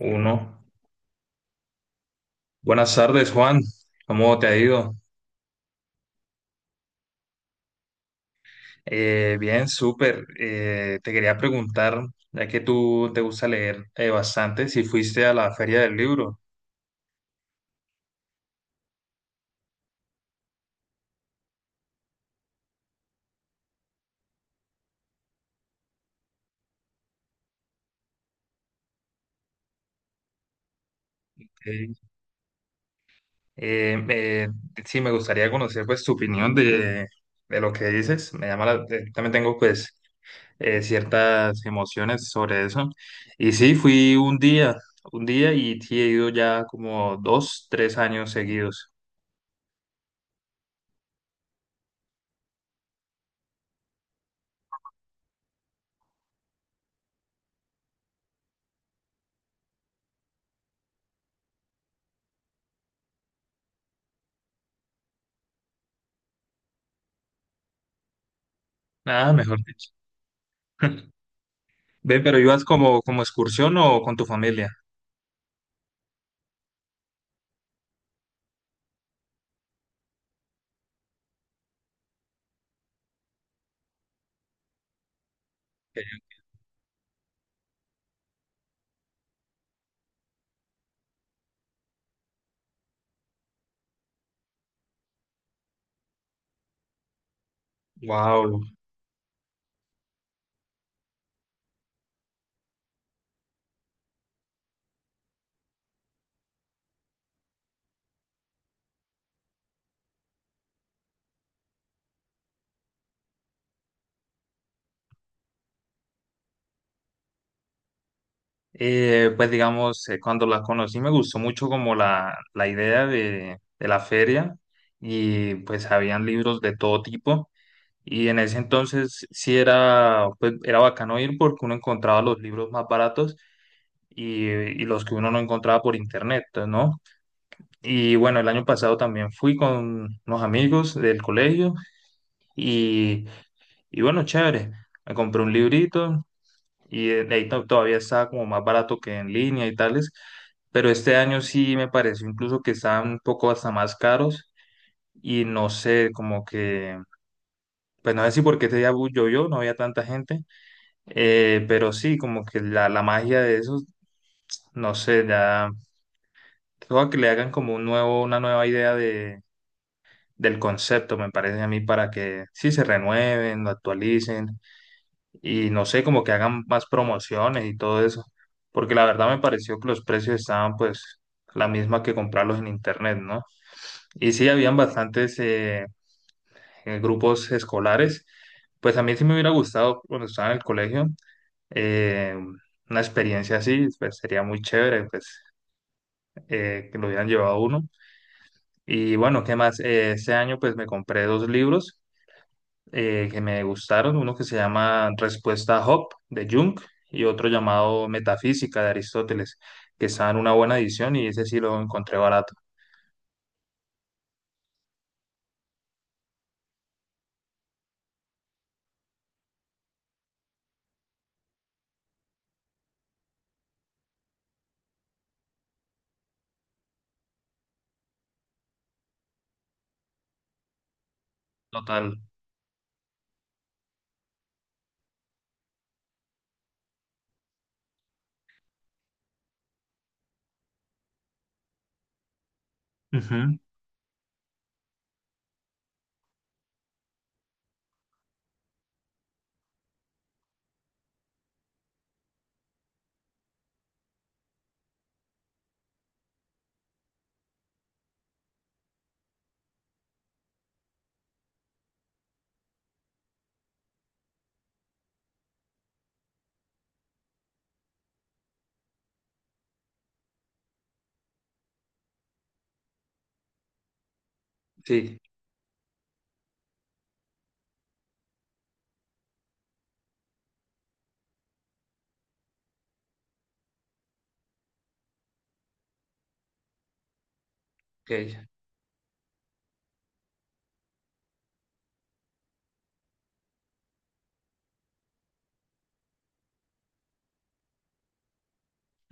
Uno. Buenas tardes, Juan. ¿Cómo te ha ido? Bien, súper. Te quería preguntar, ya que tú te gusta leer bastante, si fuiste a la Feria del Libro. Sí. Eh, eh, sí, me gustaría conocer pues tu opinión de lo que dices. También tengo pues ciertas emociones sobre eso. Y sí, fui un día y sí he ido ya como 2, 3 años seguidos. Nada, mejor dicho. Ve, pero ibas como excursión o con tu familia. Wow. Pues digamos, cuando la conocí me gustó mucho como la idea de la feria y pues habían libros de todo tipo, y en ese entonces sí era, pues, era bacano ir porque uno encontraba los libros más baratos, y los que uno no encontraba por internet, pues, ¿no? Y bueno, el año pasado también fui con unos amigos del colegio y, y bueno, chévere. Me compré un librito y ahí todavía estaba como más barato que en línea y tales, pero este año sí me pareció incluso que estaban un poco hasta más caros y no sé, pues no sé si porque este día llovió, no había tanta gente, pero sí, como que la magia de eso, no sé, ya, creo que le hagan como un nuevo, una nueva idea de… del concepto, me parece a mí, para que sí se renueven, lo actualicen, y no sé, como que hagan más promociones y todo eso, porque la verdad me pareció que los precios estaban pues la misma que comprarlos en internet, ¿no? Y sí, habían bastantes grupos escolares. Pues a mí sí me hubiera gustado cuando estaba en el colegio, eh, una experiencia así. Pues sería muy chévere, pues que lo hubieran llevado a uno. Y bueno, ¿qué más? Ese año pues me compré dos libros que me gustaron, uno que se llama Respuesta a Hop de Jung y otro llamado Metafísica de Aristóteles, que está en una buena edición y ese sí lo encontré barato. Total. Ujú. Sí. Ok.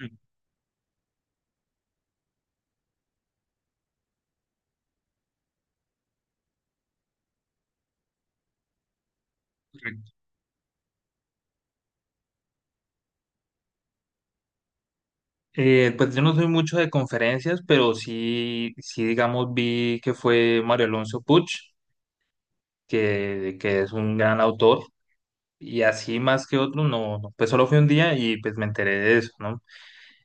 Mm, correcto. Pues yo no soy mucho de conferencias, pero sí, sí, digamos, vi que fue Mario Alonso Puch, que es un gran autor, y así más que otro, no, no, pues solo fui un día y pues me enteré de eso, ¿no?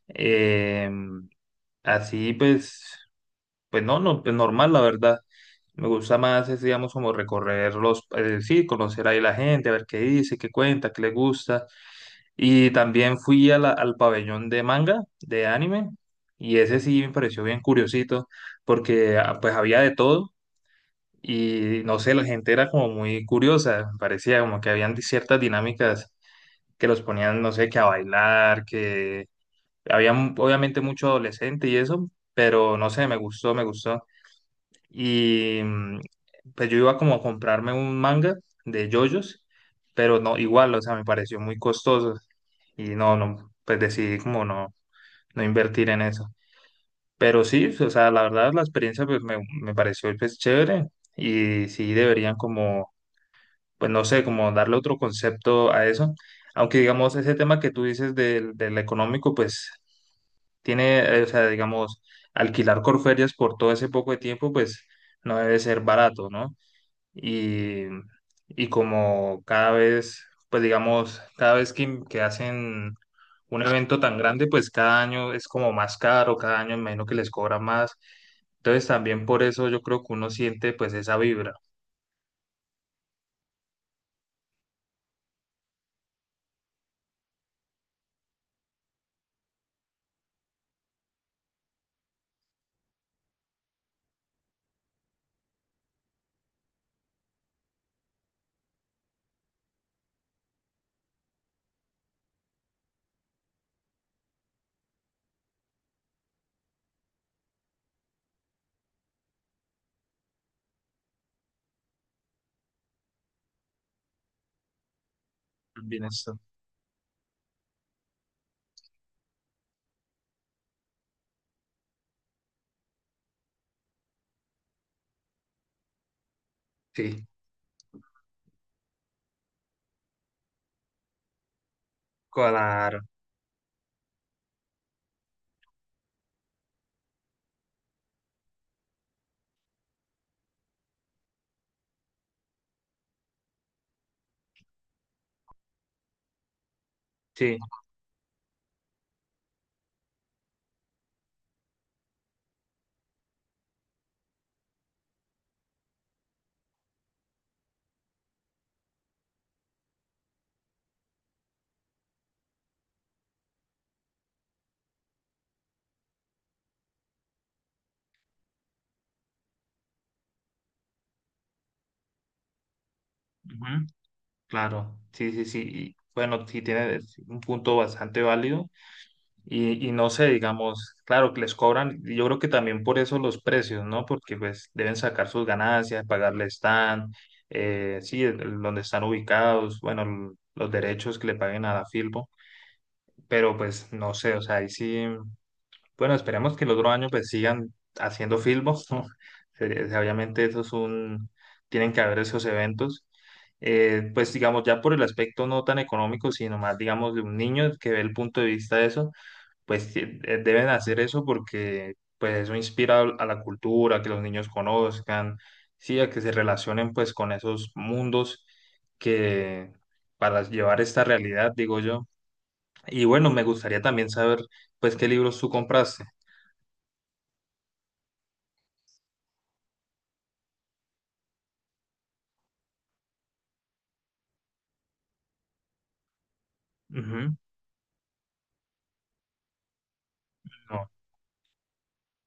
Eh, Así pues, pues no, no, pues normal, la verdad. Me gusta más, es, digamos, como recorrer sí, conocer ahí la gente, a ver qué dice, qué cuenta, qué le gusta. Y también fui al pabellón de manga, de anime, y ese sí me pareció bien curiosito, porque ah, pues había de todo, y no sé, la gente era como muy curiosa, parecía como que habían ciertas dinámicas que los ponían, no sé, que a bailar, que había obviamente mucho adolescente y eso, pero no sé, me gustó, me gustó. Y mm, pues yo iba como a comprarme un manga de JoJo's, pero no, igual, o sea, me pareció muy costoso. Y no, no, pues decidí como no, no invertir en eso. Pero sí, o sea, la verdad la experiencia pues me pareció pues chévere, y sí deberían como pues no sé, como darle otro concepto a eso. Aunque digamos, ese tema que tú dices del, del económico, pues tiene, o sea, digamos, alquilar Corferias por todo ese poco de tiempo, pues no debe ser barato, ¿no? Y, y como cada vez, pues digamos, cada vez que hacen un evento tan grande, pues cada año es como más caro, cada año me imagino que les cobra más. Entonces también por eso yo creo que uno siente pues esa vibra. También eso. Sí, claro. Sí, ujú, claro, sí, sí, sí. Y bueno, sí tiene un punto bastante válido, y no sé, digamos, claro que les cobran, y yo creo que también por eso los precios, ¿no? Porque pues deben sacar sus ganancias, pagarle stand, sí, donde están ubicados, bueno, los derechos que le paguen a la Filpo, pero pues no sé, o sea, ahí sí. Bueno, esperemos que el otro año pues sigan haciendo filmos. Sería… Obviamente eso es un, tienen que haber esos eventos. Pues digamos, ya por el aspecto no tan económico, sino más digamos de un niño que ve el punto de vista de eso, pues deben hacer eso porque pues eso inspira a la cultura, que los niños conozcan, sí, a que se relacionen pues con esos mundos que para llevar esta realidad, digo yo. Y bueno, me gustaría también saber pues qué libros tú compraste. Ujú. No.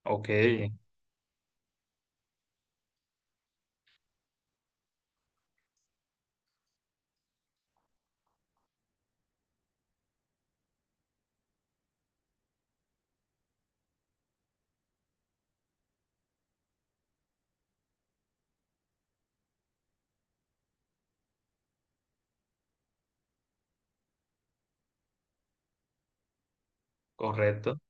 Ok, correcto.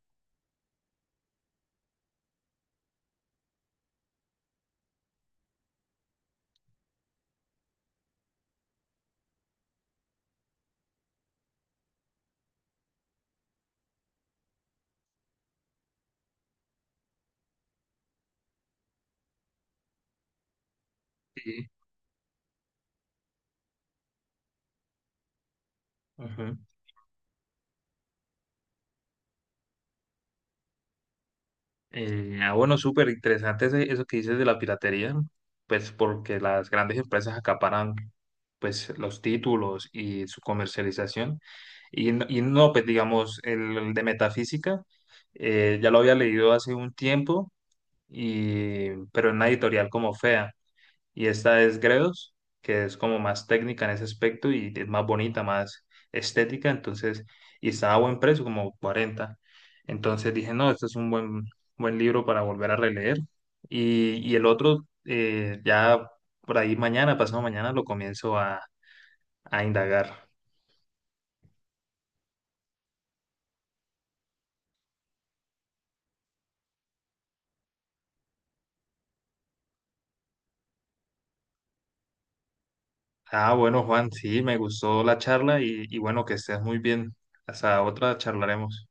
Sí. Ujú. Ah, bueno, súper interesante eso que dices de la piratería, pues porque las grandes empresas acaparan pues los títulos y su comercialización. Y, y no, pues digamos, el de metafísica, ya lo había leído hace un tiempo, y, pero en una editorial como Fea, y esta es Gredos, que es como más técnica en ese aspecto y es más bonita, más estética, entonces, y estaba a buen precio, como 40. Entonces dije, no, este es un buen, buen libro para volver a releer. Y el otro, ya por ahí mañana, pasado mañana, lo comienzo a indagar. Ah, bueno, Juan, sí, me gustó la charla y bueno, que estés muy bien. Hasta otra charlaremos.